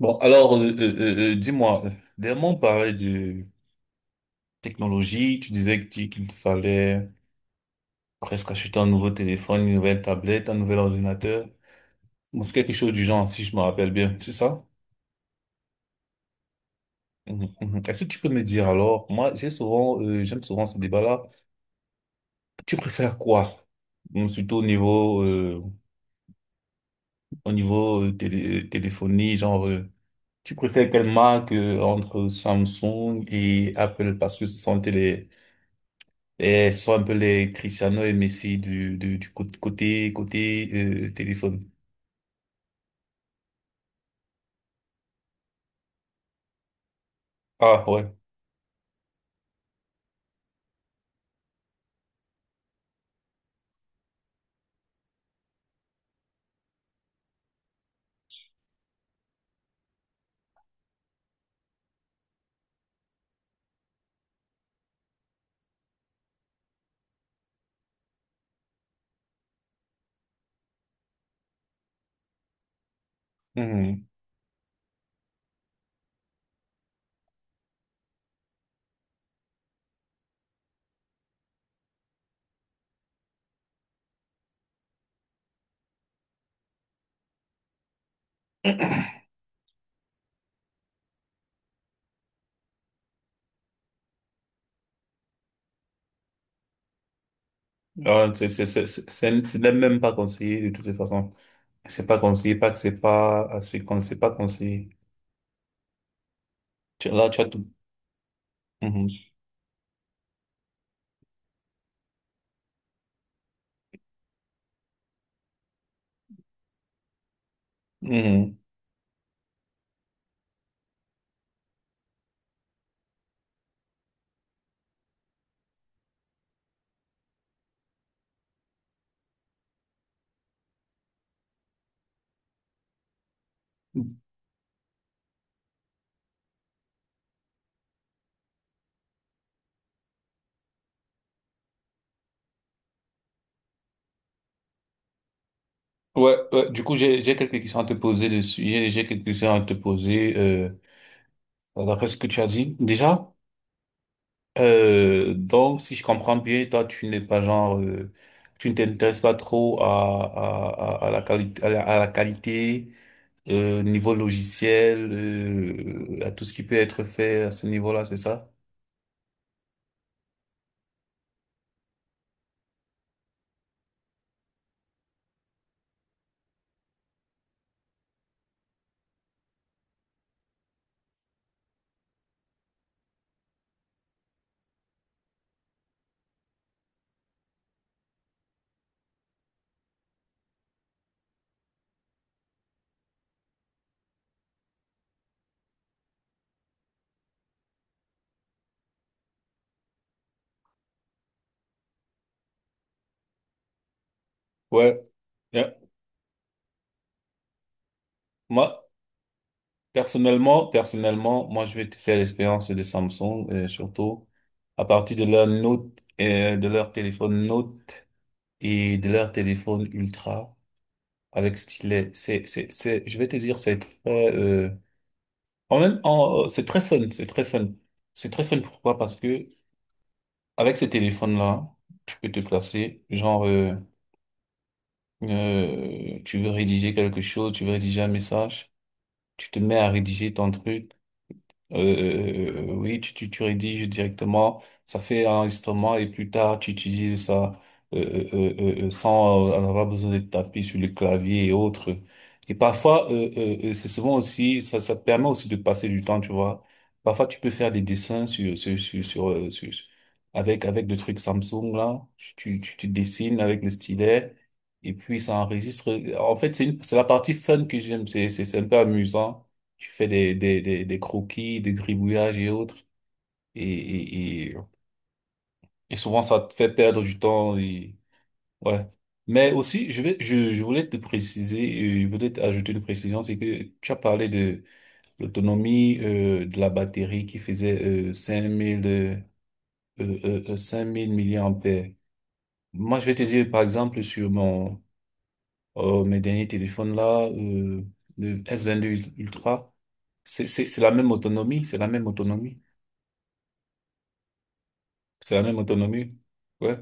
Bon, alors, euh, euh, euh, euh, dis-moi, euh, Dernièrement, on parlait de technologie. Tu disais que qu'il te fallait presque acheter un nouveau téléphone, une nouvelle tablette, un nouvel ordinateur, ou quelque chose du genre, si je me rappelle bien, c'est ça? Mhm, mhm. Est-ce que tu peux me dire alors? Moi, j'ai souvent, j'aime souvent ce débat-là. Tu préfères quoi? Bon, surtout au niveau téléphonie, genre, tu préfères quelle marque entre Samsung et Apple, parce que ce sont les Et ce sont un peu les Cristiano et Messi du côté, téléphone. Ah, ouais. Mhm. Ah, c'est même pas conseillé de toutes les façons. C'est pas conseillé, pas que c'est pas, c'est quand c'est pas conseillé. Là, tu as tout. Mhm. Mhm. Ouais, ouais, du coup, j'ai quelques questions à te poser dessus. J'ai quelques questions à te poser, d'après ce que tu as dit. Déjà? Donc, si je comprends bien, toi, tu n'es pas genre, tu ne t'intéresses pas trop à la qualité, à la qualité, niveau logiciel, à tout ce qui peut être fait à ce niveau-là, c'est ça? Ouais. Bien. Moi, personnellement, moi, je vais te faire l'expérience de Samsung, surtout à partir de leur Note, de leur téléphone Note et de leur téléphone Ultra avec stylet. Je vais te dire, c'est très, euh. C'est très fun, c'est très fun. C'est très fun pourquoi? Parce que avec ces téléphones là tu peux te placer. Tu veux rédiger quelque chose, tu veux rédiger un message, tu te mets à rédiger ton truc. Oui, tu rédiges directement, ça fait un enregistrement et plus tard tu utilises ça euh, sans en avoir besoin de taper sur le clavier et autres. Et parfois, c'est souvent aussi, ça te permet aussi de passer du temps, tu vois. Parfois, tu peux faire des dessins sur, avec, avec le truc Samsung, là. Tu dessines avec le stylet et puis ça enregistre. En fait, c'est une, c'est la partie fun que j'aime, c'est un peu amusant. Tu fais des croquis, des gribouillages et autres. Et, et, et, et souvent, ça te fait perdre du temps. Et ouais. Mais aussi, je voulais te préciser, je voulais ajouter une précision, c'est que tu as parlé de l'autonomie de la batterie qui faisait 5000 5000 milliampères. Moi, je vais te dire, par exemple, sur mes derniers téléphones là, le S22 Ultra, c'est la même autonomie, c'est la même autonomie. C'est la même autonomie. Ouais.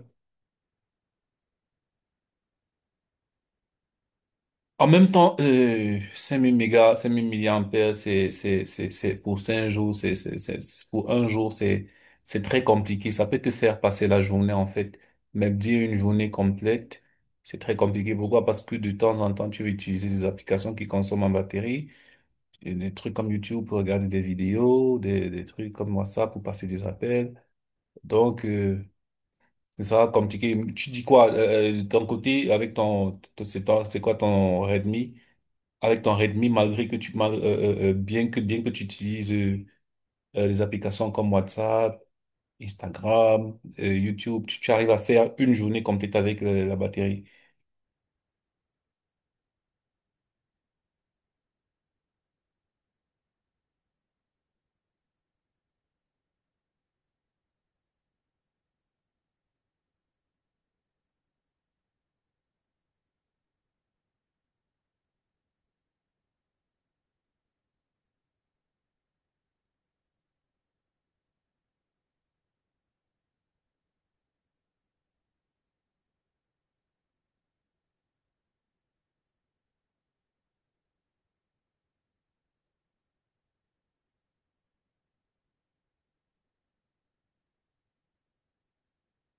En même temps, 5000 mégas, 5000 milliampères, c'est pour cinq jours, c'est pour un jour, c'est très compliqué. Ça peut te faire passer la journée, en fait. Même dire une journée complète, c'est très compliqué. Pourquoi? Parce que de temps en temps, tu vas utiliser des applications qui consomment en batterie, et des trucs comme YouTube pour regarder des vidéos, des trucs comme WhatsApp pour passer des appels. Donc, euh. Ça sera compliqué. Tu dis quoi, ton côté, avec c'est quoi ton Redmi? Avec ton Redmi, malgré que tu, mal- bien que tu utilises, les applications comme WhatsApp, Instagram, YouTube, tu arrives à faire une journée complète avec la batterie.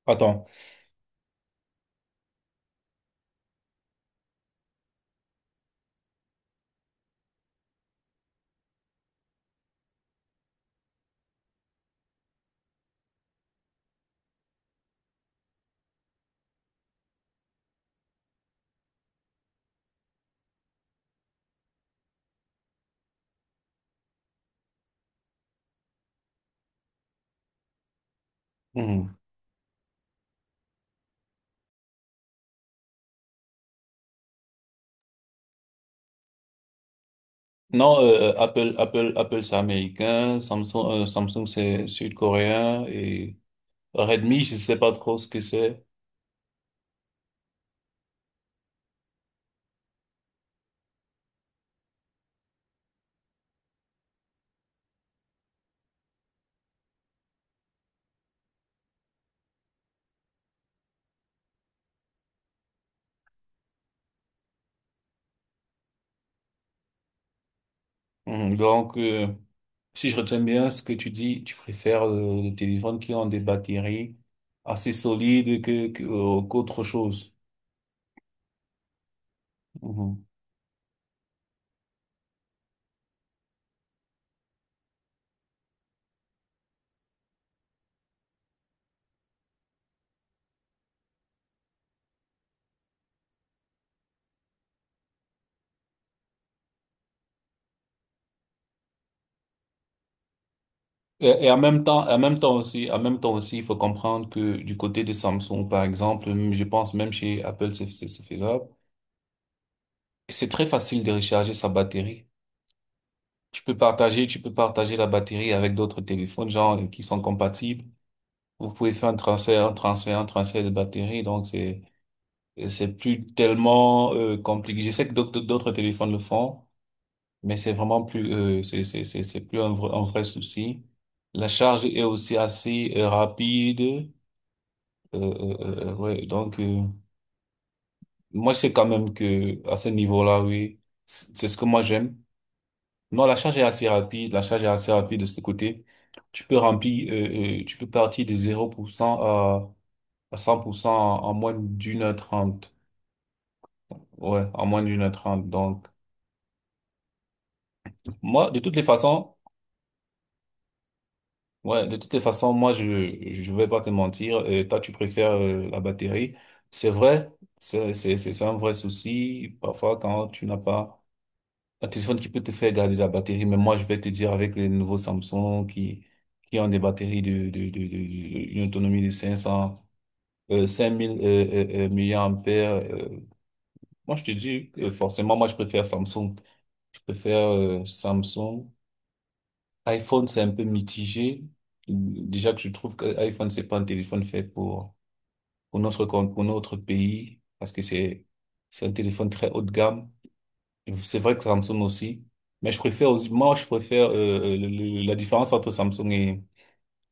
Attends. Mhm. Non, Apple, c'est américain, Samsung, c'est sud-coréen et Redmi, je sais pas trop ce que c'est. Mhm. Donc, si je retiens bien ce que tu dis, tu préfères les téléphones qui ont des batteries assez solides qu'autre chose. Mhm. Et en même temps, en même temps aussi, il faut comprendre que du côté de Samsung, par exemple, je pense même chez Apple, c'est faisable. C'est très facile de recharger sa batterie. Tu peux partager la batterie avec d'autres téléphones, genre qui sont compatibles. Vous pouvez faire un transfert de batterie, donc c'est euh. C'est plus tellement compliqué. Je sais que d'autres téléphones le font, mais c'est vraiment plus c'est plus un vrai souci. La charge est aussi assez rapide. Ouais, donc moi c'est quand même que à ce niveau-là, oui, c'est ce que moi j'aime. Non, la charge est assez rapide. La charge est assez rapide de ce côté. Tu peux remplir, tu peux partir de zéro pour cent à 100% en moins d'une heure trente. Ouais, en moins d'une heure trente. Donc moi, de toutes les façons, ouais, de toutes les façons, moi, je vais pas te mentir. Euh, toi, tu préfères la batterie. C'est vrai, c'est un vrai souci. Parfois, quand tu n'as pas un téléphone qui peut te faire garder la batterie, mais moi, je vais te dire avec les nouveaux Samsung qui ont des batteries une autonomie de 500, 5000 milliampères. Euh, moi, je te dis, forcément, moi, je préfère Samsung. Je préfère Samsung. iPhone, c'est un peu mitigé. Déjà que je trouve que iPhone, c'est pas un téléphone fait pour, pour notre pays, parce que c'est un téléphone très haut de gamme. C'est vrai que Samsung aussi. Mais je préfère aussi, moi, je préfère, la différence entre Samsung et,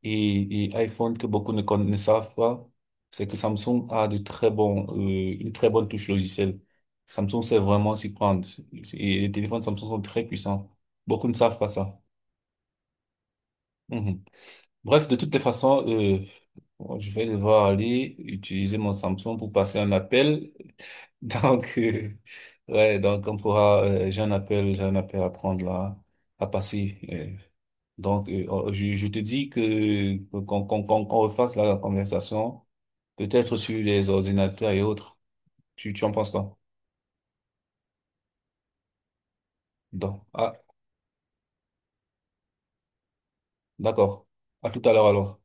et iPhone que beaucoup ne savent pas, c'est que Samsung a de très bons, une très bonne touche logicielle. Samsung sait vraiment s'y prendre. Et les téléphones Samsung sont très puissants. Beaucoup ne savent pas ça. Mhm. Bref, de toutes les façons, bon, je vais devoir aller utiliser mon Samsung pour passer un appel. Donc, ouais, donc on pourra, j'ai un appel à prendre là, à passer. Euh, donc, oh, je te dis que qu'on refasse la conversation, peut-être sur les ordinateurs et autres. Tu en penses quoi? Donc, ah, d'accord. À tout à l'heure alors.